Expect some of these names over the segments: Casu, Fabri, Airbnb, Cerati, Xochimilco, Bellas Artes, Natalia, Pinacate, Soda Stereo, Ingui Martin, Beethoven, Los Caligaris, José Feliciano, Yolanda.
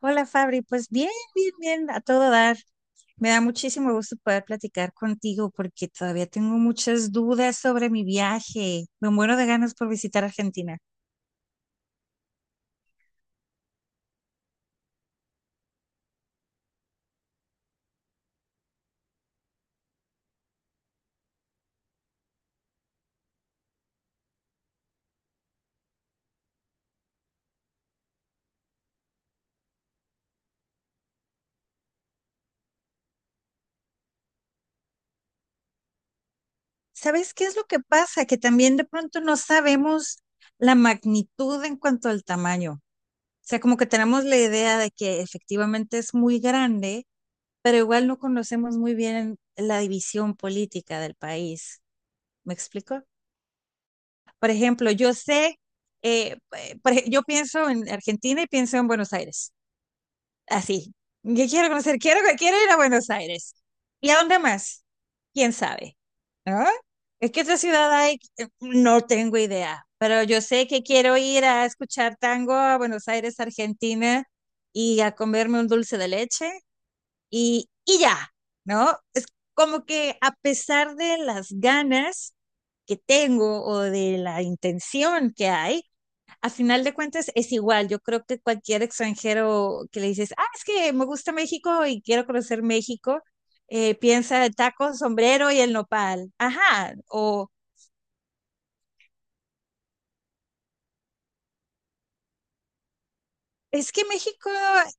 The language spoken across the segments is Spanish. Hola Fabri, pues bien, a todo dar. Me da muchísimo gusto poder platicar contigo porque todavía tengo muchas dudas sobre mi viaje. Me muero de ganas por visitar Argentina. ¿Sabes qué es lo que pasa? Que también de pronto no sabemos la magnitud en cuanto al tamaño. O sea, como que tenemos la idea de que efectivamente es muy grande, pero igual no conocemos muy bien la división política del país. ¿Me explico? Por ejemplo, yo sé, yo pienso en Argentina y pienso en Buenos Aires, así. ¿Qué quiero conocer? Quiero ir a Buenos Aires. ¿Y a dónde más? ¿Quién sabe? ¿No? Es que otra ciudad hay, eh, no tengo idea, pero yo sé que quiero ir a escuchar tango a Buenos Aires, Argentina, y a comerme un dulce de leche y ya, ¿no? Es como que a pesar de las ganas, que tengo o de la intención que hay, a final de cuentas es igual. Yo creo que cualquier extranjero que le dices, ah, es que me gusta México y quiero conocer México, piensa en tacos, sombrero y el nopal. Ajá, o es que México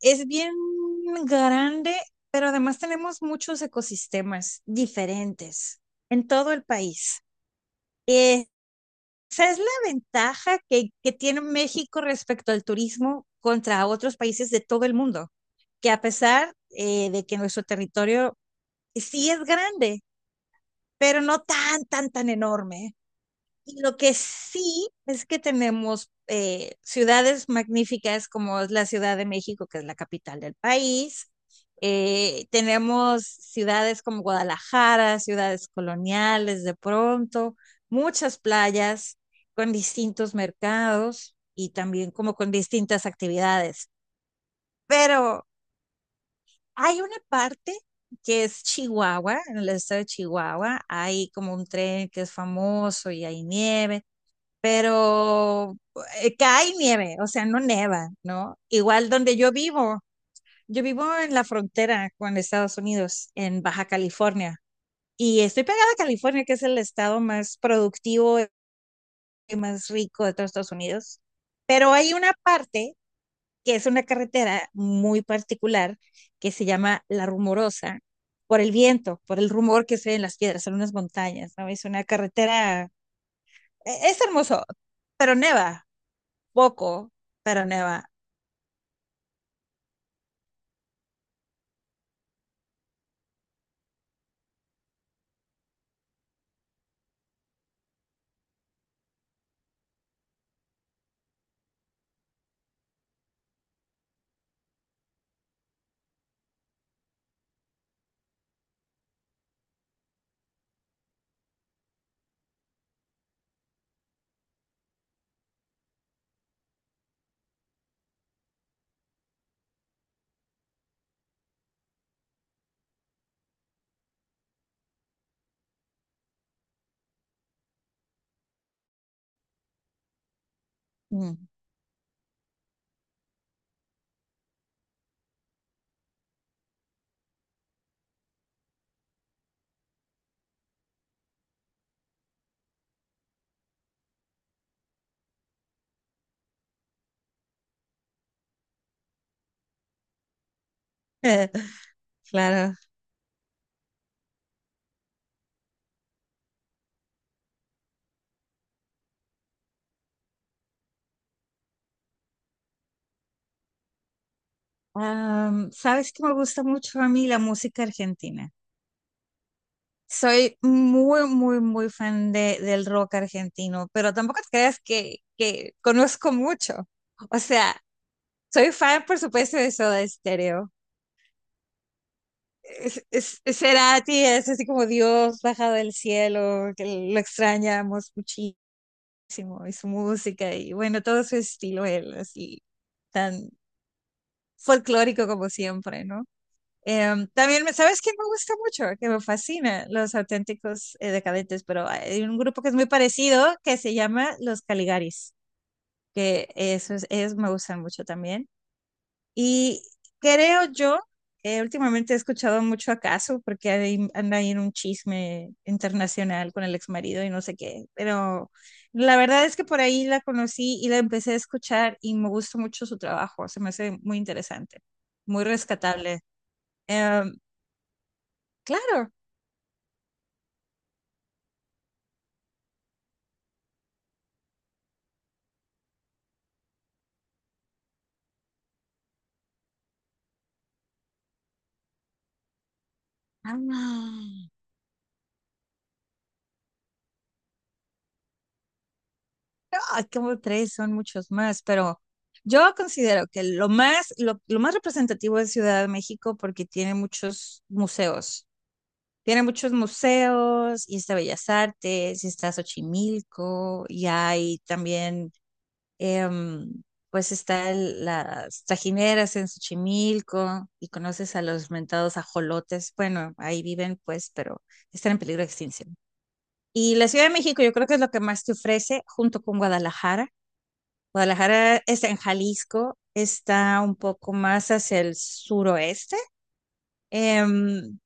es bien grande, pero además tenemos muchos ecosistemas diferentes en todo el país. Eh, sea, es la ventaja que tiene México respecto al turismo contra otros países de todo el mundo, que a pesar de que nuestro territorio sí es grande, pero no tan enorme. Y lo que sí es que tenemos ciudades magníficas como es la Ciudad de México, que es la capital del país. Tenemos ciudades como Guadalajara, ciudades coloniales de pronto, muchas playas con distintos mercados y también como con distintas actividades. Pero hay una parte que es Chihuahua, en el estado de Chihuahua, hay como un tren que es famoso y hay nieve, pero cae nieve, o sea, no neva, ¿no? Igual donde yo vivo en la frontera con Estados Unidos, en Baja California, y estoy pegada a California, que es el estado más productivo y más rico de todos Estados Unidos, pero hay una parte que es una carretera muy particular que se llama La Rumorosa, por el viento, por el rumor que se ve en las piedras, en unas montañas, ¿no? Es una carretera, es hermoso, pero neva, poco, pero neva. Mm. Claro. Am, ¿sabes que me gusta mucho a mí la música argentina? Soy muy, muy, muy fan de, del rock argentino, pero tampoco te creas que conozco mucho. O sea, soy fan, por supuesto, de Soda Stereo. Es Cerati es así como Dios bajado del cielo, que lo extrañamos muchísimo, y su música, y bueno, todo su estilo, él, así, tan folclórico como siempre, ¿no? Em, también, ¿sabes quién me gusta mucho? Que me fascina, los auténticos decadentes, pero hay un grupo que es muy parecido que se llama Los Caligaris, que esos, ellos me gustan mucho también. Y creo yo, últimamente he escuchado mucho a Casu porque anda ahí en un chisme internacional con el ex marido y no sé qué, pero la verdad es que por ahí la conocí y la empecé a escuchar y me gustó mucho su trabajo, se me hace muy interesante, muy rescatable. Em, claro, ah, ay, como tres, son muchos más, pero yo considero que lo más, lo más representativo es Ciudad de México porque tiene muchos museos. Tiene muchos museos, y está Bellas Artes, y está Xochimilco, y hay también, em, pues las tajineras en Xochimilco, y conoces a los mentados ajolotes. Bueno, ahí viven, pues, pero están en peligro de extinción. Y la Ciudad de México yo creo que es lo que más te ofrece junto con Guadalajara. Guadalajara está en Jalisco, está un poco más hacia el suroeste. Em,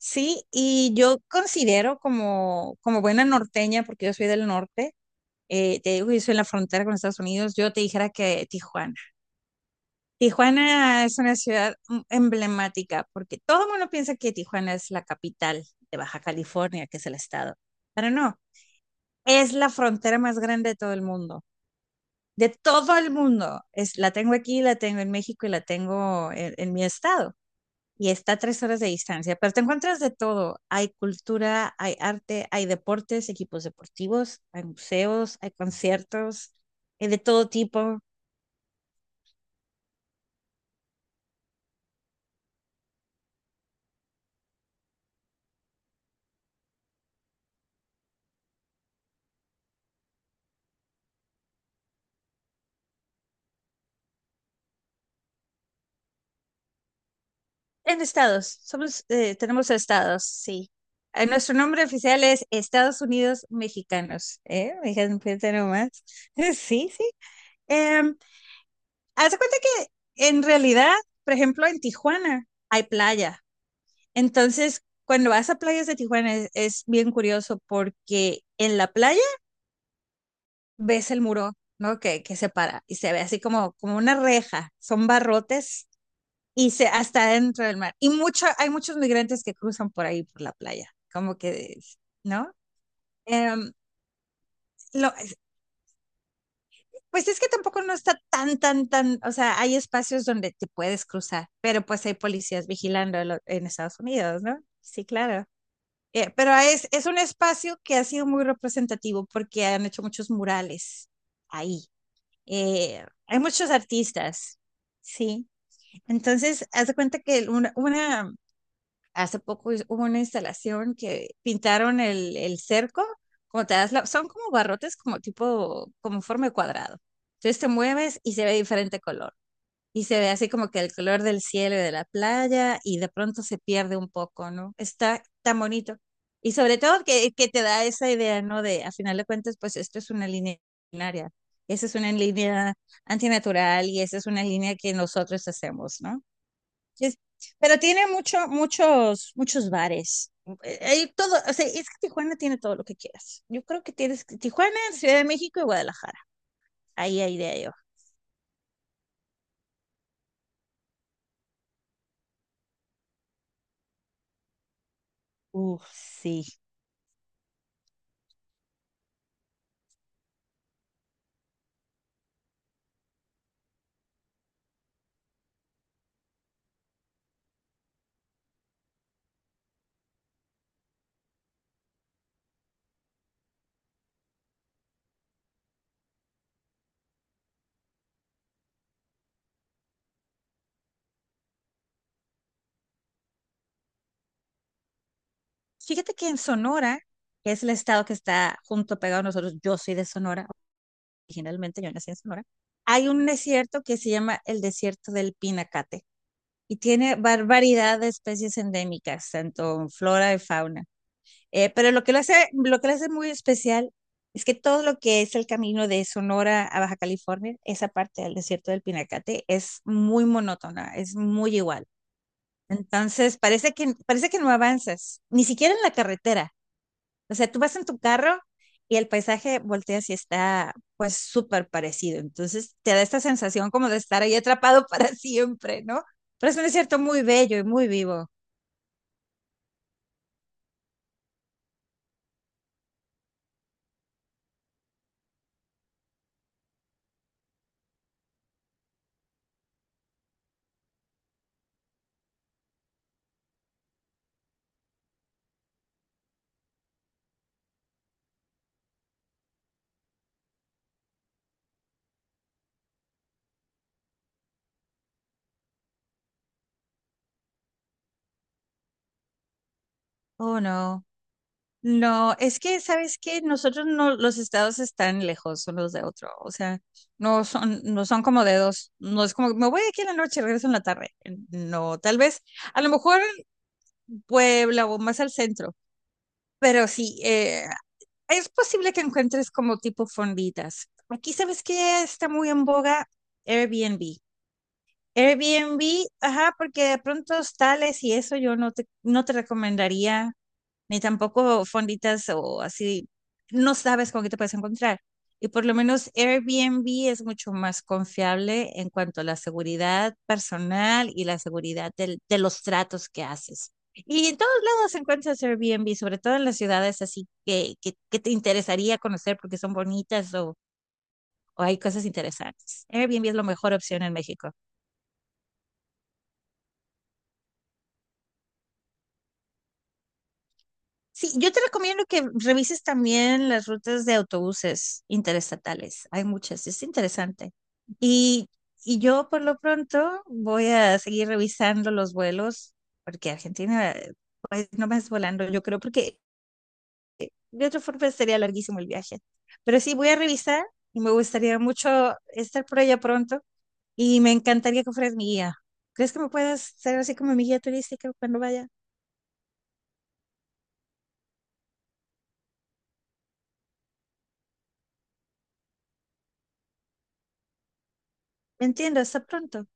Sí, y yo considero como, como buena norteña, porque yo soy del norte, te digo que yo soy en la frontera con Estados Unidos, yo te dijera que Tijuana. Tijuana es una ciudad mm, emblemática, porque todo el mundo piensa que Tijuana es la capital de Baja California, que es el estado, pero no, es la frontera más grande de todo el mundo, de todo el mundo. Es, la tengo aquí, la tengo en México y la tengo en mi estado. Y está a tres horas de distancia, pero te encuentras de todo. Hay cultura, hay arte, hay deportes, equipos deportivos, hay museos, hay conciertos, hay de todo tipo. En estados, somos, tenemos estados, sí. Nuestro nombre oficial es Estados Unidos Mexicanos, ¿eh? Fíjate nomás. Sí, sí. Eh, haz de cuenta que en realidad, por ejemplo, en Tijuana hay playa. Entonces, cuando vas a playas de Tijuana es bien curioso porque en la playa ves el muro, ¿no? Que separa y se ve así como, como una reja, son barrotes y se hasta dentro del mar. Hay muchos migrantes que cruzan por ahí, por la playa, como que, ¿no? Em, lo- pues es que tampoco no está tan, o sea, hay espacios donde te puedes cruzar, pero pues hay policías vigilando en en Estados Unidos, ¿no? Sí, claro. Pero es un espacio que ha sido muy representativo porque han hecho muchos murales ahí. Hay muchos artistas, sí. Entonces, haz de cuenta que una, hace poco hubo una instalación que pintaron el cerco, como te das son como barrotes como tipo, como en forma de cuadrado. Entonces te mueves y se ve de diferente color. Y se ve así como que el color del cielo y de la playa y de pronto se pierde un poco, ¿no? Está tan bonito. Y sobre todo que te da esa idea, ¿no? De, a final de cuentas, pues esto es una línea binaria. Esa es una línea antinatural y esa es una línea que nosotros hacemos, ¿no? es- pero tiene mucho, muchos bares. Hay todo, o sea, es que Tijuana tiene todo lo que quieras. Yo creo que tienes Tijuana, Ciudad de México y Guadalajara. Ahí, ahí de yo. Uf, sí. Fíjate que en Sonora, que es el estado que está junto pegado a nosotros, yo soy de Sonora, originalmente yo nací en Sonora, hay un desierto que se llama el desierto del Pinacate y tiene barbaridad de especies endémicas, tanto en flora y fauna. Pero lo que lo hace, lo que lo hace muy especial es que todo lo que es el camino de Sonora a Baja California, esa parte del desierto del Pinacate, es muy monótona, es muy igual. Entonces, parece que no avanzas, ni siquiera en la carretera, o sea, tú vas en tu carro y el paisaje volteas y está pues súper parecido. Entonces te da esta sensación como de estar ahí atrapado para siempre, ¿no? Pero es un desierto muy bello y muy vivo. Oh, no. No, es que, ¿sabes qué? Nosotros no, los estados están lejos unos de otro, o sea, no son, no son como dedos, no es como, me voy aquí en la noche, y regreso en la tarde, no, tal vez, a lo mejor Puebla o más al centro, pero sí, es posible que encuentres como tipo fonditas. Aquí sabes que está muy en boga Airbnb. Airbnb, ajá, porque de pronto tales y eso yo no te, no te recomendaría ni tampoco fonditas o así, no sabes con qué te puedes encontrar. Y por lo menos Airbnb es mucho más confiable en cuanto a la seguridad personal y la seguridad de los tratos que haces. Y en todos lados encuentras Airbnb, sobre todo en las ciudades así que te interesaría conocer porque son bonitas o hay cosas interesantes. Airbnb es la mejor opción en México. Sí, yo te recomiendo que revises también las rutas de autobuses interestatales. Hay muchas, es interesante. Y, y yo por lo pronto voy a seguir revisando los vuelos, porque Argentina, pues no me es volando, yo creo, porque de otra forma sería larguísimo el viaje. Pero sí, voy a revisar y me gustaría mucho estar por allá pronto y me encantaría que fueras mi guía. ¿Crees que me puedas ser así como mi guía turística cuando vaya? Entiendo, hasta pronto.